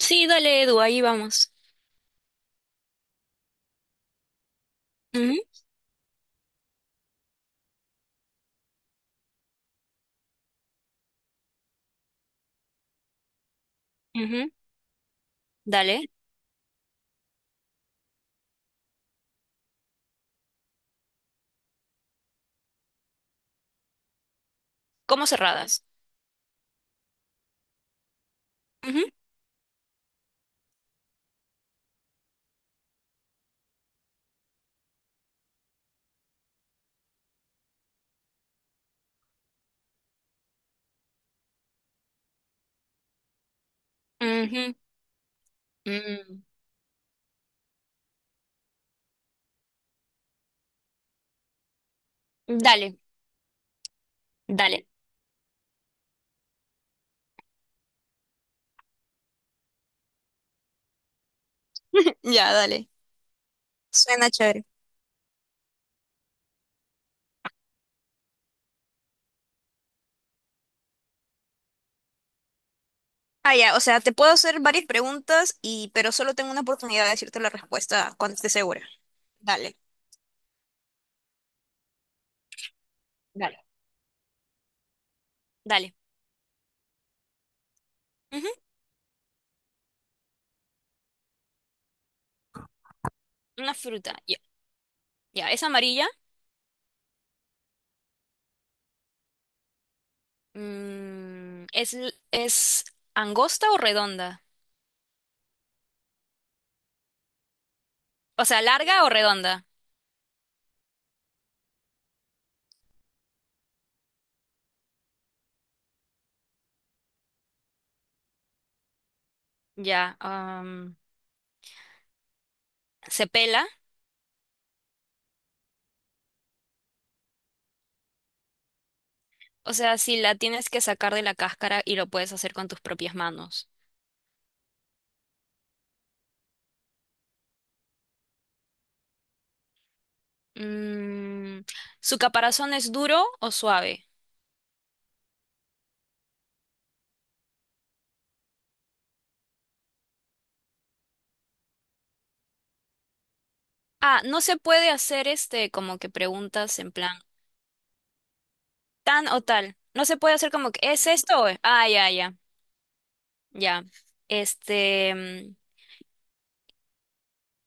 Sí, dale, Edu, ahí vamos. Ujú, ujú, dale. Como cerradas. Ujú, ujú, mm. Dale, dale. Ya, dale. Suena chévere. Ah, ya, o sea, te puedo hacer varias preguntas y pero solo tengo una oportunidad de decirte la respuesta cuando esté segura. Dale. Dale. Dale. Ujú. Una fruta. Ya, ya. ¿Es amarilla? Mm, ¿es, es angosta o redonda? O sea, ¿larga o redonda? Ya. ¿Se pela? O sea, si la tienes que sacar de la cáscara y lo puedes hacer con tus propias manos. Mm, ¿su caparazón es duro o suave? Ah, no se puede hacer este como que preguntas en plan tan o tal. No se puede hacer como que "¿es esto? ¿o es-?". Ah, ya, ya, ya. Este,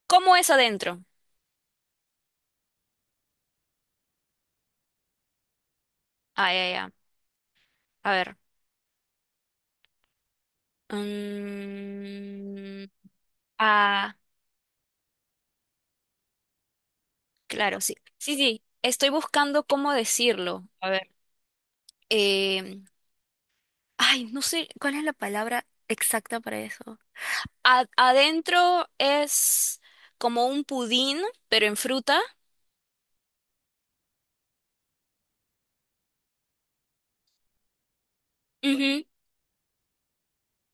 ¿cómo es adentro? Ah, ya, ya. A ver. Mm, ah, claro, sí. Sí, sí. Estoy buscando cómo decirlo. A ver. em, Ay, no sé cuál es la palabra exacta para eso. Adentro es como un pudín, pero en fruta. Ujú,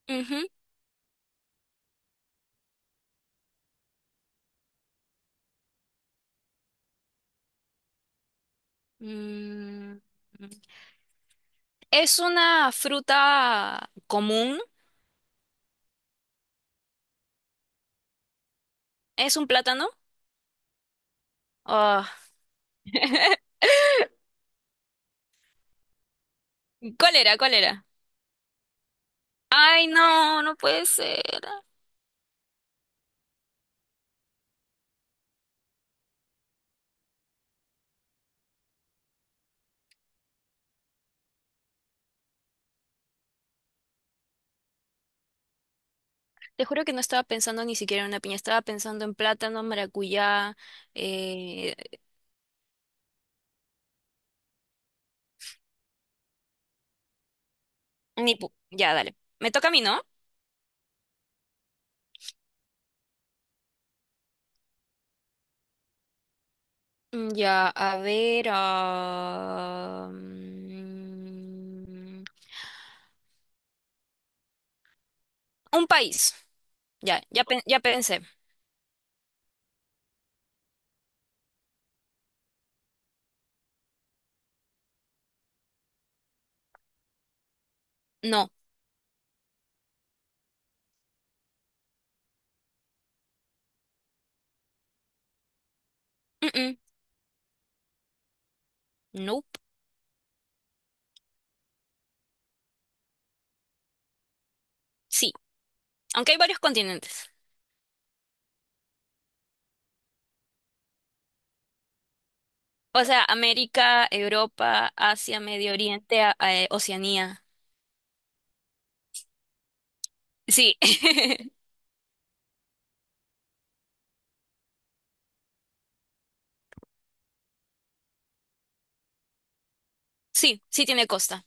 ujú. Mm, es una fruta común. Es un plátano. Ah. ¿Cuál era? ¿Cuál era? Ay, no, no puede ser. Te juro que no estaba pensando ni siquiera en una piña. Estaba pensando en plátano, maracuyá. eh, ni pu- ya, dale. Me toca a mí, ¿no? Mm, ya, a ver. Mm, un país. Ya, ya, ya pensé. No. Mm-mm. Nope. Sí. Aunque hay varios continentes. O sea, América, Europa, Asia, Medio Oriente, Oceanía. Sí. Sí, sí tiene costa.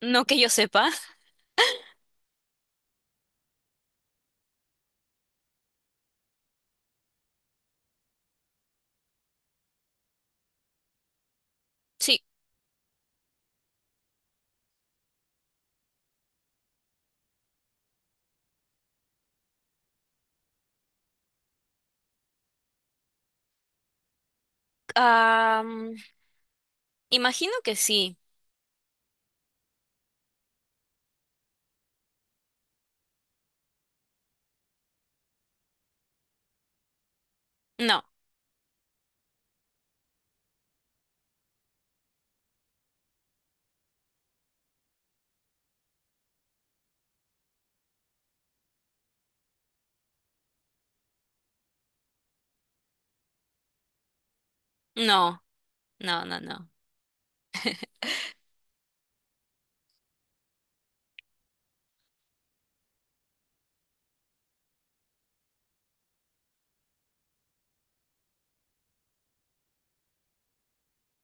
No que yo sepa. Sí. Mm, imagino que sí. No, no, no, no, no.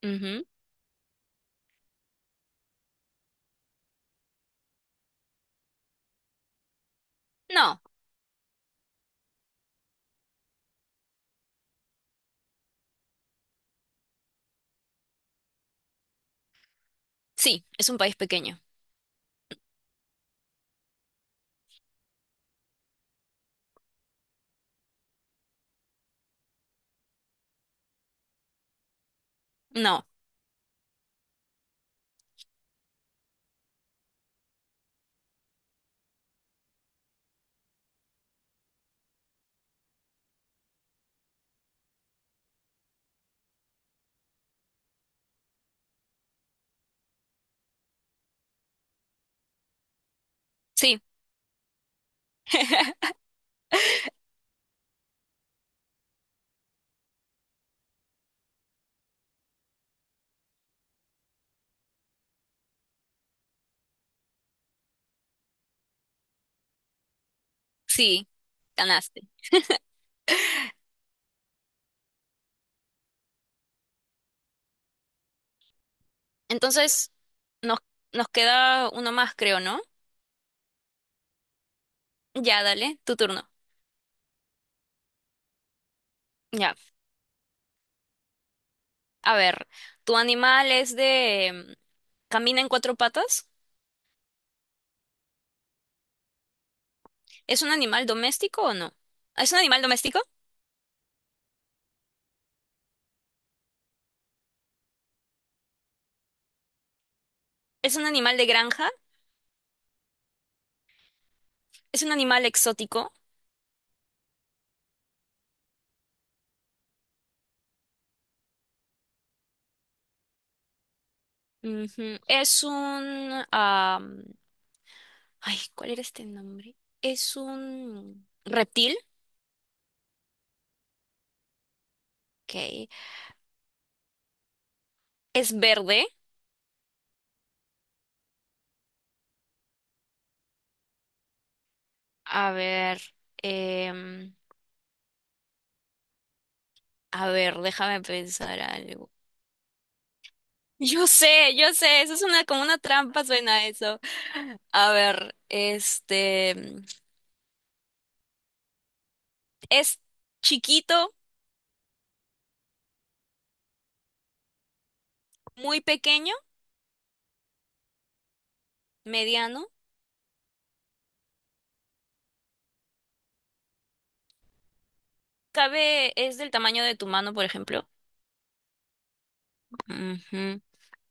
Ujú. No. Sí, es un país pequeño. No. Sí. Sí, ganaste. Entonces, nos, nos queda uno más, creo, ¿no? Ya, dale, tu turno. Ya. A ver, ¿tu animal camina en cuatro patas? ¿Es un animal doméstico o no? ¿Es un animal doméstico? ¿Es un animal de granja? ¿Es un animal exótico? Ujú. Ay, ¿cuál era este nombre? Es un reptil. Ok. ¿Es verde? A ver. em, A ver, déjame pensar algo. Yo sé, eso es una, como una trampa suena eso. A ver, este, es chiquito, muy pequeño, mediano. Cabe, es del tamaño de tu mano, por ejemplo. Ujú.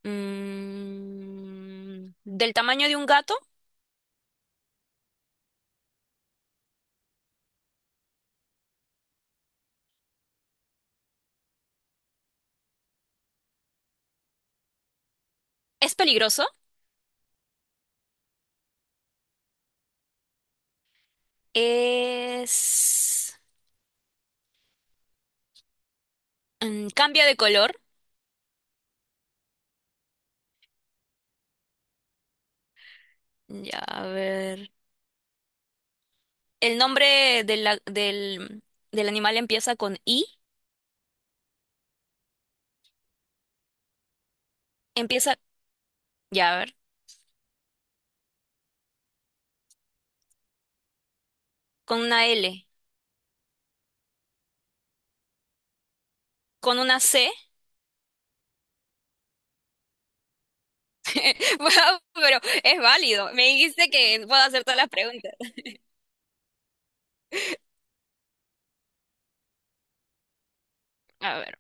Mm, del tamaño de un gato. Es peligroso. Es, mm, cambia de color. Ya, a ver. El nombre de del animal empieza con I. Empieza ya, a ver. Con una L. Con una C. Bueno, pero es válido. Me dijiste que puedo hacer todas las preguntas. A ver.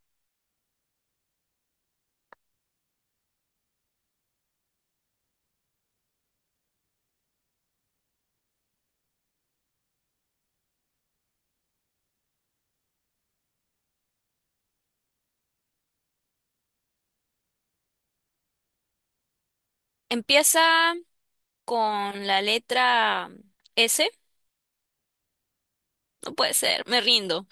Empieza con la letra S. No puede ser. Me rindo.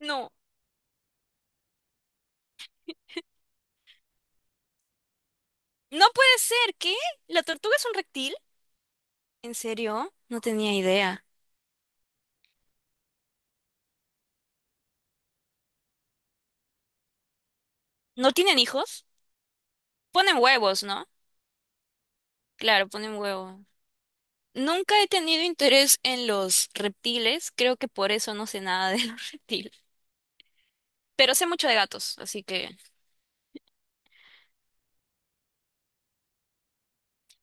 No. No puede ser. ¿Qué? ¿La tortuga es un reptil? ¿En serio? No tenía idea. ¿No tienen hijos? Ponen huevos, ¿no? Claro, ponen huevos. Nunca he tenido interés en los reptiles. Creo que por eso no sé nada de los reptiles. Pero sé mucho de gatos, así que...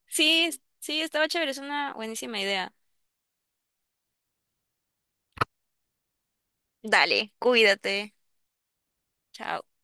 Sí, sí, estaba chévere, es una buenísima idea. Dale, cuídate. Chao.